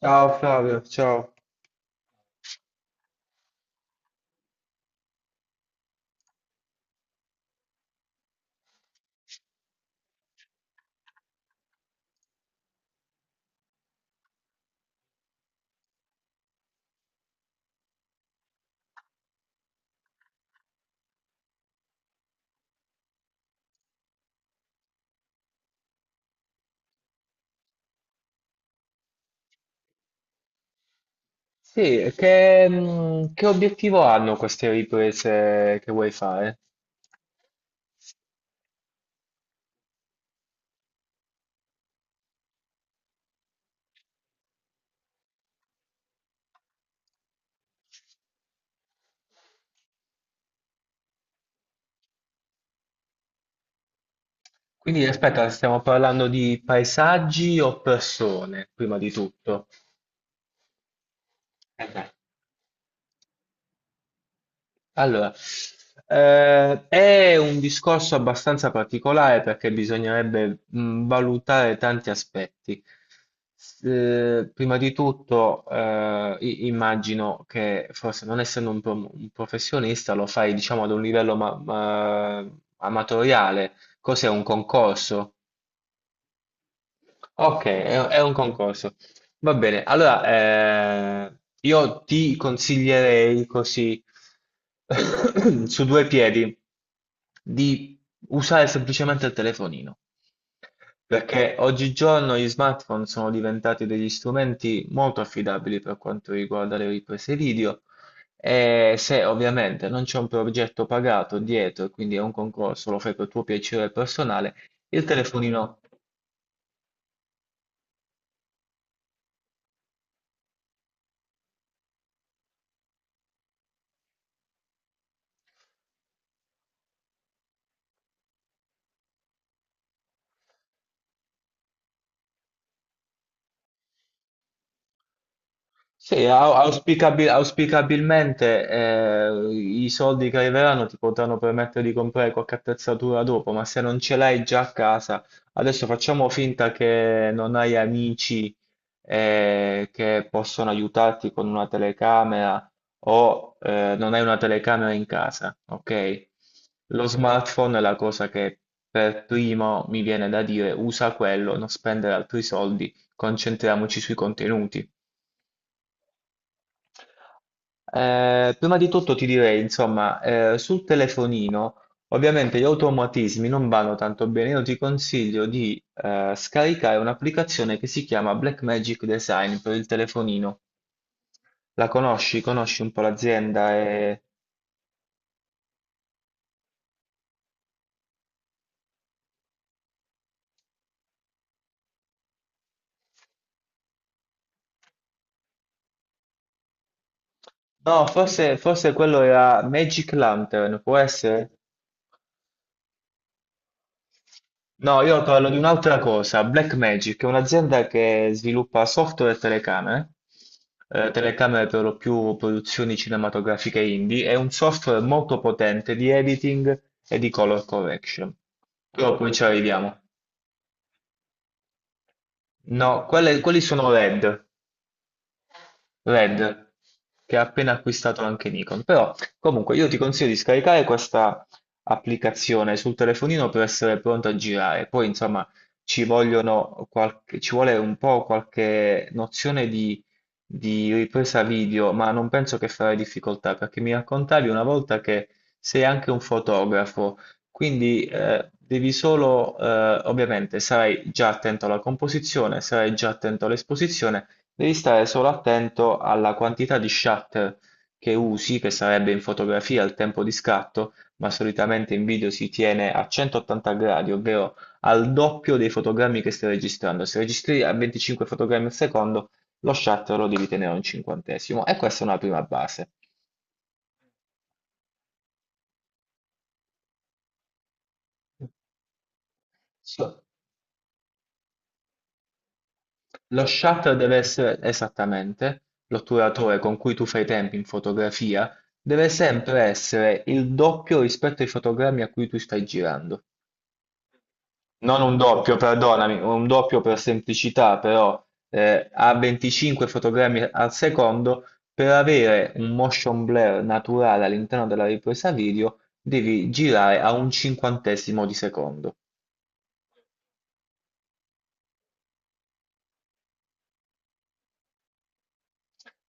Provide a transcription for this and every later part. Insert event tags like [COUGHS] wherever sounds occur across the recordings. Ciao Flavio, ciao. Sì, e che obiettivo hanno queste riprese che vuoi fare? Quindi aspetta, stiamo parlando di paesaggi o persone, prima di tutto? Eh beh. Allora, è un discorso abbastanza particolare perché bisognerebbe valutare tanti aspetti. Prima di tutto, immagino che forse non essendo un, un professionista lo fai, diciamo, ad un livello amatoriale. Cos'è, un concorso? Ok, è un concorso. Va bene, allora, io ti consiglierei così [COUGHS] [CLEARS THROAT] su due piedi di usare semplicemente il telefonino, perché oggigiorno gli smartphone sono diventati degli strumenti molto affidabili per quanto riguarda le riprese video, e se ovviamente non c'è un progetto pagato dietro e quindi è un concorso, lo fai per tuo piacere personale, il telefonino. Sì, auspicabilmente, i soldi che arriveranno ti potranno permettere di comprare qualche attrezzatura dopo, ma se non ce l'hai già a casa, adesso facciamo finta che non hai amici, che possono aiutarti con una telecamera, o non hai una telecamera in casa, ok? Lo smartphone è la cosa che per primo mi viene da dire, usa quello, non spendere altri soldi, concentriamoci sui contenuti. Prima di tutto ti direi, insomma, sul telefonino, ovviamente gli automatismi non vanno tanto bene. Io ti consiglio di scaricare un'applicazione che si chiama Blackmagic Design per il telefonino. La conosci? Conosci un po' l'azienda? E... No, forse, forse quello era Magic Lantern, può essere? No, io parlo di un'altra cosa. Blackmagic è un'azienda che sviluppa software e telecamere, telecamere per lo più produzioni cinematografiche indie. È un software molto potente di editing e di color correction. Però poi ci arriviamo. No, quelli sono RED, Red, che ha appena acquistato anche Nikon. Però, comunque, io ti consiglio di scaricare questa applicazione sul telefonino per essere pronto a girare. Poi, insomma, ci vuole un po' qualche nozione di ripresa video, ma non penso che farai difficoltà, perché mi raccontavi una volta che sei anche un fotografo, quindi, devi solo, ovviamente, sarai già attento alla composizione, sarai già attento all'esposizione. Devi stare solo attento alla quantità di shutter che usi, che sarebbe in fotografia il tempo di scatto, ma solitamente in video si tiene a 180 gradi, ovvero al doppio dei fotogrammi che stai registrando. Se registri a 25 fotogrammi al secondo, lo shutter lo devi tenere a un cinquantesimo, e questa è una prima base. So- Lo shutter deve essere esattamente l'otturatore con cui tu fai i tempi in fotografia, deve sempre essere il doppio rispetto ai fotogrammi a cui tu stai girando. Non un doppio, perdonami, un doppio per semplicità, però, a 25 fotogrammi al secondo, per avere un motion blur naturale all'interno della ripresa video, devi girare a un cinquantesimo di secondo.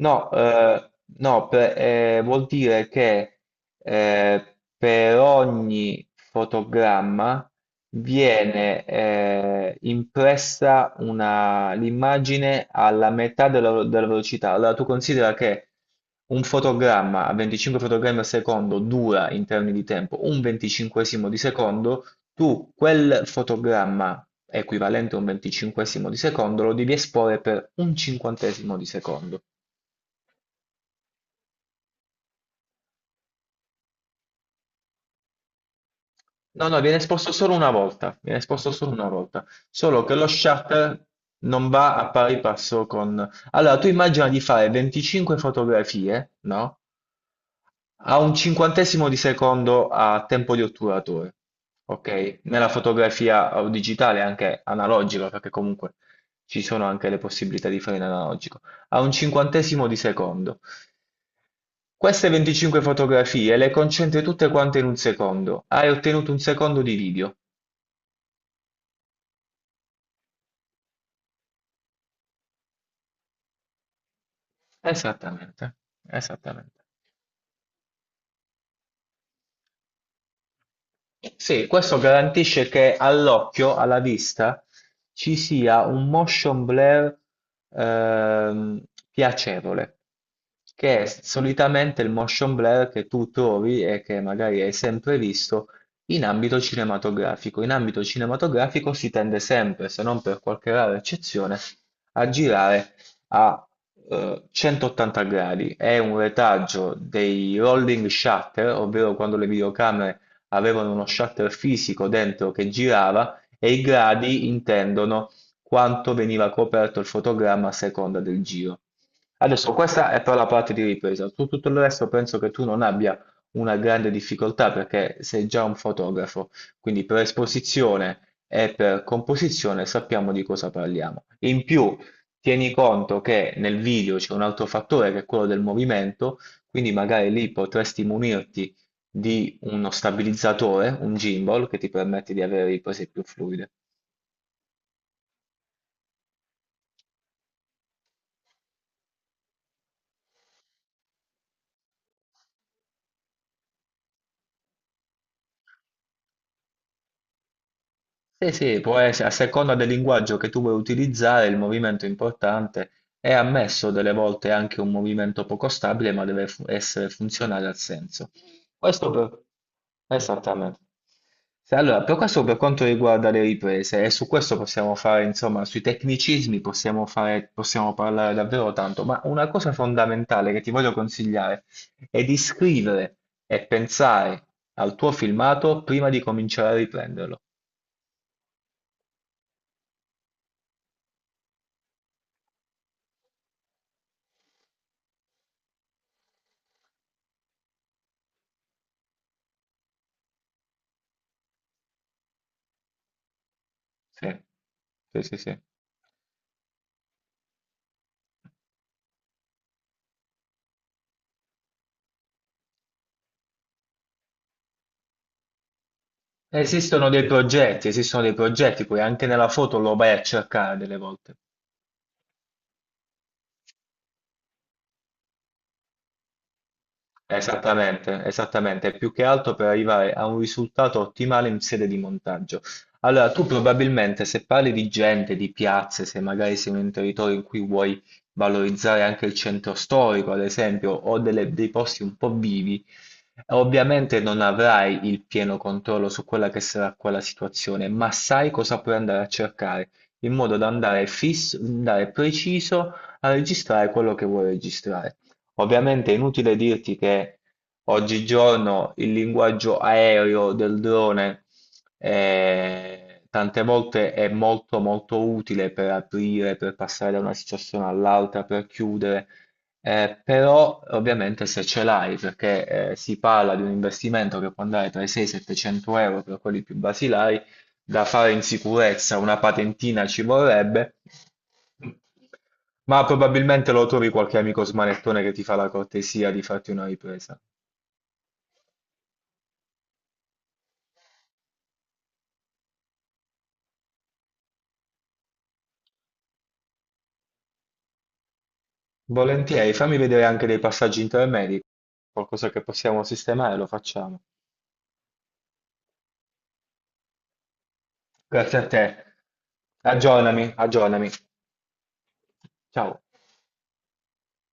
No, vuol dire che, per ogni fotogramma viene, l'immagine alla metà della, della velocità. Allora tu considera che un fotogramma a 25 fotogrammi al secondo dura in termini di tempo un venticinquesimo di secondo, tu quel fotogramma equivalente a un venticinquesimo di secondo lo devi esporre per un cinquantesimo di secondo. No, no, viene esposto solo una volta, viene esposto solo una volta, solo che lo shutter non va a pari passo con... Allora, tu immagina di fare 25 fotografie, no? A un cinquantesimo di secondo a tempo di otturatore, ok? Nella fotografia, digitale, anche analogica, perché comunque ci sono anche le possibilità di fare in analogico, a un cinquantesimo di secondo. Queste 25 fotografie le concentri tutte quante in un secondo, hai ottenuto un secondo di video. Esattamente, esattamente. Sì, questo garantisce che all'occhio, alla vista, ci sia un motion blur ehm, piacevole, che è solitamente il motion blur che tu trovi e che magari hai sempre visto in ambito cinematografico. In ambito cinematografico si tende sempre, se non per qualche rara eccezione, a girare a 180 gradi. È un retaggio dei rolling shutter, ovvero quando le videocamere avevano uno shuttle fisico dentro che girava, e i gradi intendono quanto veniva coperto il fotogramma a seconda del giro. Adesso, questa è per la parte di ripresa, su tutto il resto penso che tu non abbia una grande difficoltà perché sei già un fotografo, quindi per esposizione e per composizione sappiamo di cosa parliamo. In più, tieni conto che nel video c'è un altro fattore, che è quello del movimento, quindi magari lì potresti munirti di uno stabilizzatore, un gimbal, che ti permette di avere riprese più fluide. Sì, sì, può essere, a seconda del linguaggio che tu vuoi utilizzare, il movimento è importante. È ammesso delle volte anche un movimento poco stabile, ma deve essere funzionale al senso. Questo per... Esattamente. Allora, per questo, per quanto riguarda le riprese, e su questo possiamo fare, insomma, sui tecnicismi possiamo fare, possiamo parlare davvero tanto, ma una cosa fondamentale che ti voglio consigliare è di scrivere e pensare al tuo filmato prima di cominciare a riprenderlo. Sì, sì, sì, sì. Esistono dei progetti, poi anche nella foto lo vai a cercare delle volte. Esattamente, esattamente, più che altro per arrivare a un risultato ottimale in sede di montaggio. Allora, tu probabilmente, se parli di gente, di piazze, se magari sei in un territorio in cui vuoi valorizzare anche il centro storico, ad esempio, o dei posti un po' vivi, ovviamente non avrai il pieno controllo su quella che sarà quella situazione, ma sai cosa puoi andare a cercare, in modo da andare fisso, andare preciso a registrare quello che vuoi registrare. Ovviamente è inutile dirti che oggigiorno il linguaggio aereo del drone, tante volte è molto molto utile per aprire, per passare da una situazione all'altra, per chiudere, però ovviamente se ce l'hai, perché, si parla di un investimento che può andare tra i 600 e i 700 euro per quelli più basilari, da fare in sicurezza, una patentina ci vorrebbe, ma probabilmente lo trovi qualche amico smanettone che ti fa la cortesia di farti una ripresa. Volentieri, fammi vedere anche dei passaggi intermedi, qualcosa che possiamo sistemare, lo facciamo. Grazie a te. Aggiornami, aggiornami. Ciao.